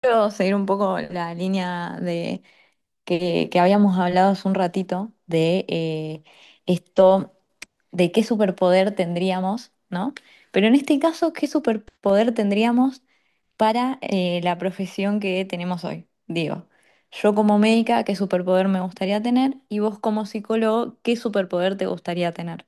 Quiero seguir un poco la línea de que habíamos hablado hace un ratito de esto, de qué superpoder tendríamos, ¿no? Pero en este caso, ¿qué superpoder tendríamos para la profesión que tenemos hoy? Digo, yo como médica, ¿qué superpoder me gustaría tener? Y vos como psicólogo, ¿qué superpoder te gustaría tener?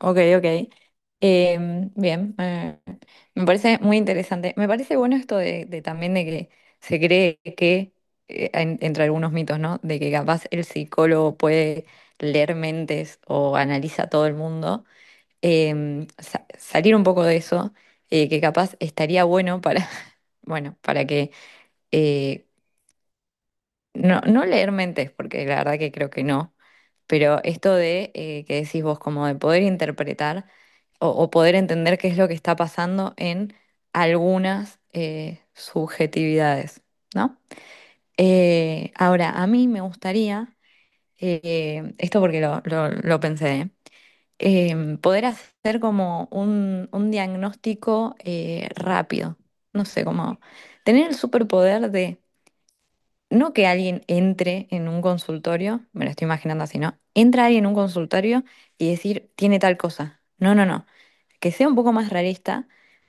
Ok, ok. Bien, me parece muy interesante. Me parece bueno esto de también de que se cree que entre algunos mitos, ¿no? De que capaz el psicólogo puede leer mentes o analiza a todo el mundo. Em, salir un poco de eso, que capaz estaría bueno para, bueno, para que eh, no, no leer mentes, porque la verdad que creo que no, pero esto de que decís vos, como de poder interpretar o poder entender qué es lo que está pasando en algunas subjetividades, ¿no? Ahora, a mí me gustaría, esto porque lo pensé, ¿eh? Poder hacer como un diagnóstico rápido, no sé, como tener el superpoder de no que alguien entre en un consultorio, me lo estoy imaginando así, ¿no? Entra alguien en un consultorio y decir, tiene tal cosa. No, no, no. Que sea un poco más realista,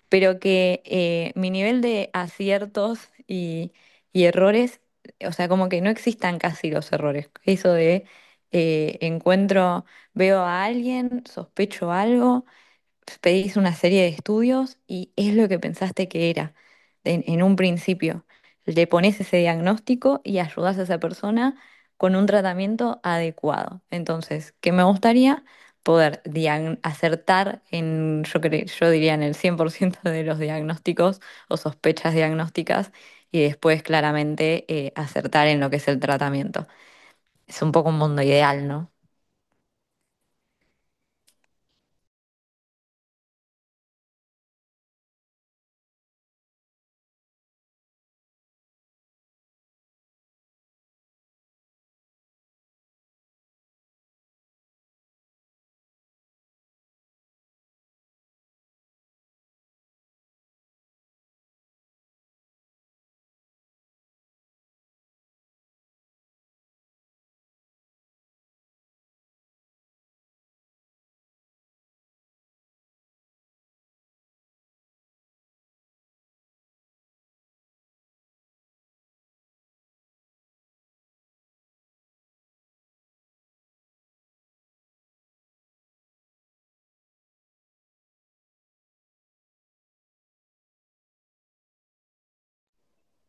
pero que mi nivel de aciertos y errores, o sea, como que no existan casi los errores. Eso de encuentro, veo a alguien, sospecho algo pedís una serie de estudios y es lo que pensaste que era en un principio. Le pones ese diagnóstico y ayudas a esa persona con un tratamiento adecuado. Entonces, ¿qué me gustaría? Poder acertar en, yo diría en el 100% de los diagnósticos o sospechas diagnósticas y después claramente acertar en lo que es el tratamiento. Es un poco un mundo ideal, ¿no?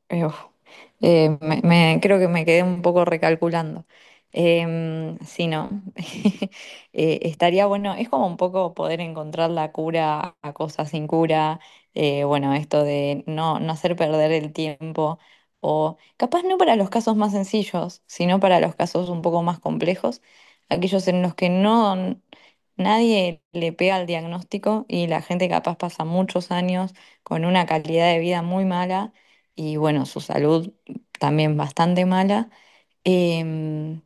Uf, creo que me quedé un poco recalculando. Em, sí, no. Estaría bueno, es como un poco poder encontrar la cura a cosas sin cura. Eh, bueno, esto de no, no hacer perder el tiempo. O capaz no para los casos más sencillos, sino para los casos un poco más complejos, aquellos en los que no nadie le pega al diagnóstico y la gente capaz pasa muchos años con una calidad de vida muy mala y bueno, su salud también bastante mala. Em,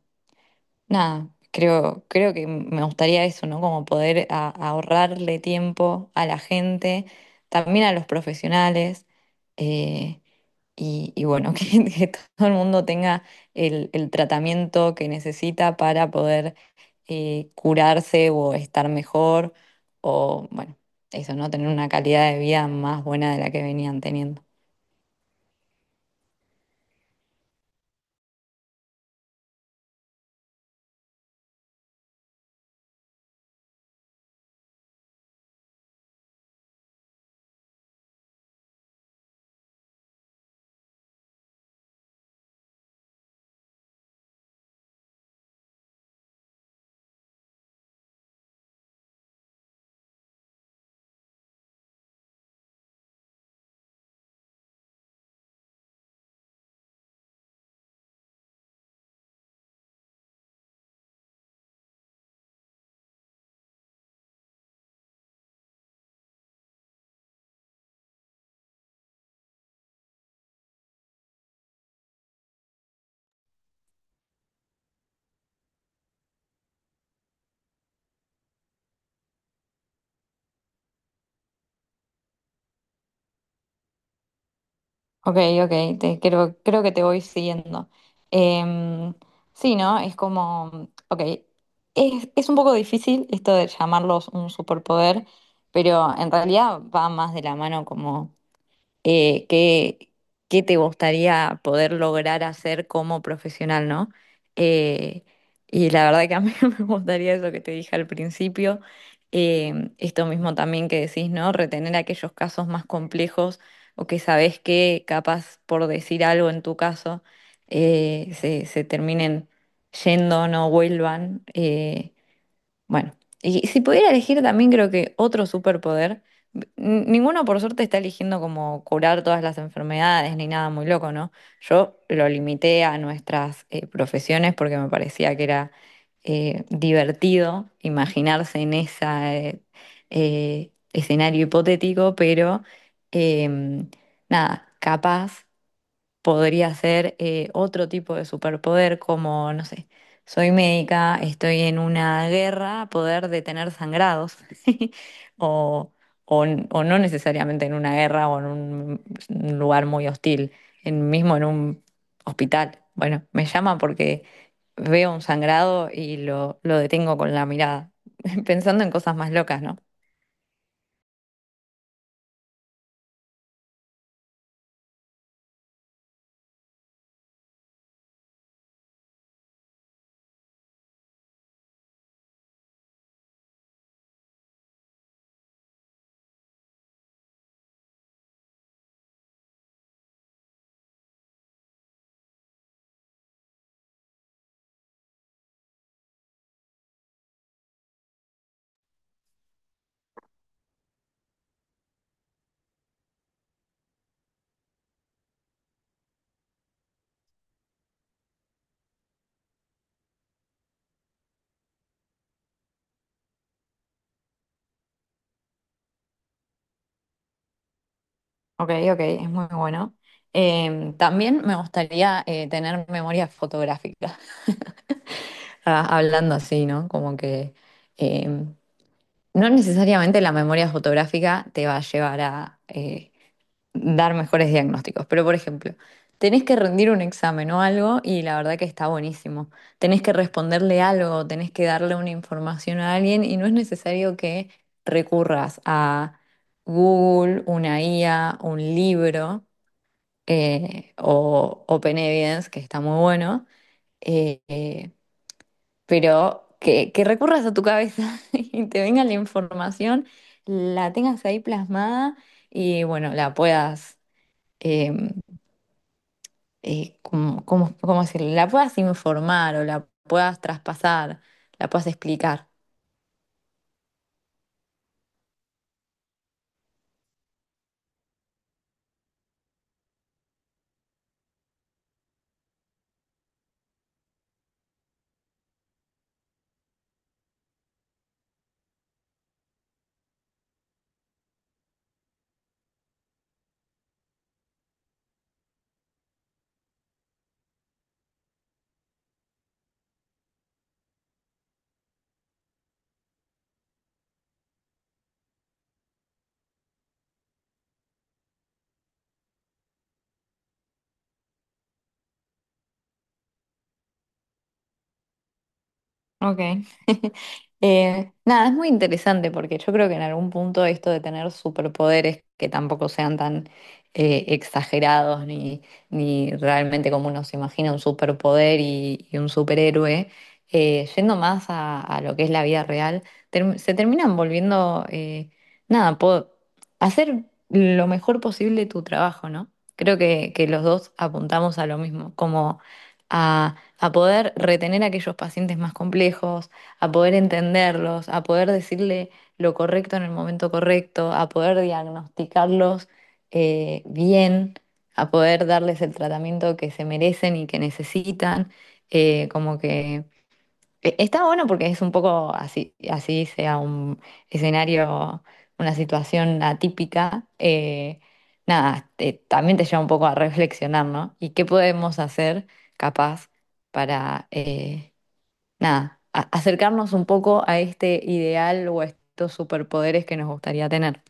nada, creo que me gustaría eso, ¿no? Como poder ahorrarle tiempo a la gente, también a los profesionales, eh, y bueno, que todo el mundo tenga el tratamiento que necesita para poder curarse o estar mejor, o bueno, eso, ¿no? Tener una calidad de vida más buena de la que venían teniendo. Ok, ok, te, creo que te voy siguiendo. Em, sí, ¿no? Es como, ok, es un poco difícil esto de llamarlos un superpoder, pero en realidad va más de la mano como eh, qué, qué te gustaría poder lograr hacer como profesional, ¿no? Eh, y la verdad que a mí me gustaría eso que te dije al principio, esto mismo también que decís, ¿no? Retener aquellos casos más complejos o que sabés que capaz por decir algo en tu caso se terminen yendo, no vuelvan. Eh, bueno, y si pudiera elegir también creo que otro superpoder, ninguno por suerte está eligiendo como curar todas las enfermedades ni nada muy loco, ¿no? Yo lo limité a nuestras profesiones porque me parecía que era divertido imaginarse en ese escenario hipotético, pero em, nada, capaz podría ser otro tipo de superpoder como, no sé, soy médica, estoy en una guerra, poder detener sangrados, o, o, o no necesariamente en una guerra o en un lugar muy hostil, en, mismo en un hospital. Bueno, me llama porque veo un sangrado y lo detengo con la mirada, pensando en cosas más locas, ¿no? Ok, ok, es muy bueno. Em, también me gustaría tener memoria fotográfica. Ah, hablando así, ¿no? Como que eh, no necesariamente la memoria fotográfica te va a llevar a dar mejores diagnósticos, pero por ejemplo, tenés que rendir un examen o algo y la verdad que está buenísimo. Tenés que responderle algo, tenés que darle una información a alguien y no es necesario que recurras a Google, una IA, un libro o Open Evidence, que está muy bueno eh, pero que recurras a tu cabeza y te venga la información, la tengas ahí plasmada y bueno, la puedas, eh, ¿cómo decirlo? La puedas informar o la puedas traspasar, la puedas explicar. Ok. Nada, es muy interesante porque yo creo que en algún punto esto de tener superpoderes que tampoco sean tan exagerados ni, ni realmente como uno se imagina un superpoder y un superhéroe, yendo más a lo que es la vida real, se terminan volviendo, nada, hacer lo mejor posible tu trabajo, ¿no? Creo que los dos apuntamos a lo mismo, como a poder retener a aquellos pacientes más complejos, a poder entenderlos, a poder decirle lo correcto en el momento correcto, a poder diagnosticarlos bien, a poder darles el tratamiento que se merecen y que necesitan. Como que está bueno porque es un poco así, así sea un escenario, una situación atípica. Eh, nada, también te lleva un poco a reflexionar, ¿no? ¿Y qué podemos hacer capaz para, nada, acercarnos un poco a este ideal o a estos superpoderes que nos gustaría tener?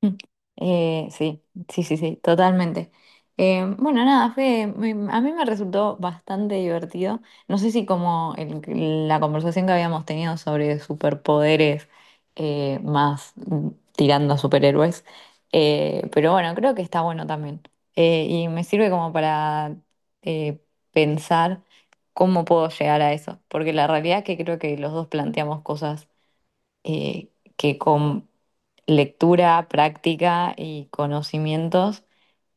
Mm. Sí, sí, sí, sí, totalmente. Bueno, nada, a mí me resultó bastante divertido. No sé si como la conversación que habíamos tenido sobre superpoderes eh, más mm, tirando a superhéroes, pero bueno, creo que está bueno también. Y me sirve como para eh, pensar cómo puedo llegar a eso, porque la realidad es que creo que los dos planteamos cosas eh, que con lectura, práctica y conocimientos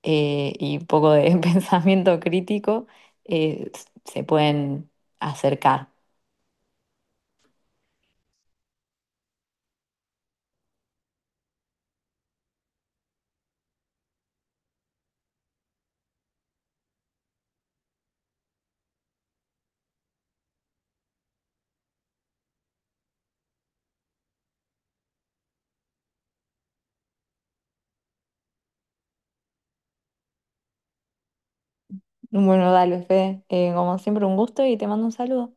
y un poco de pensamiento crítico se pueden acercar. Bueno, dale, Fede, como siempre un gusto y te mando un saludo.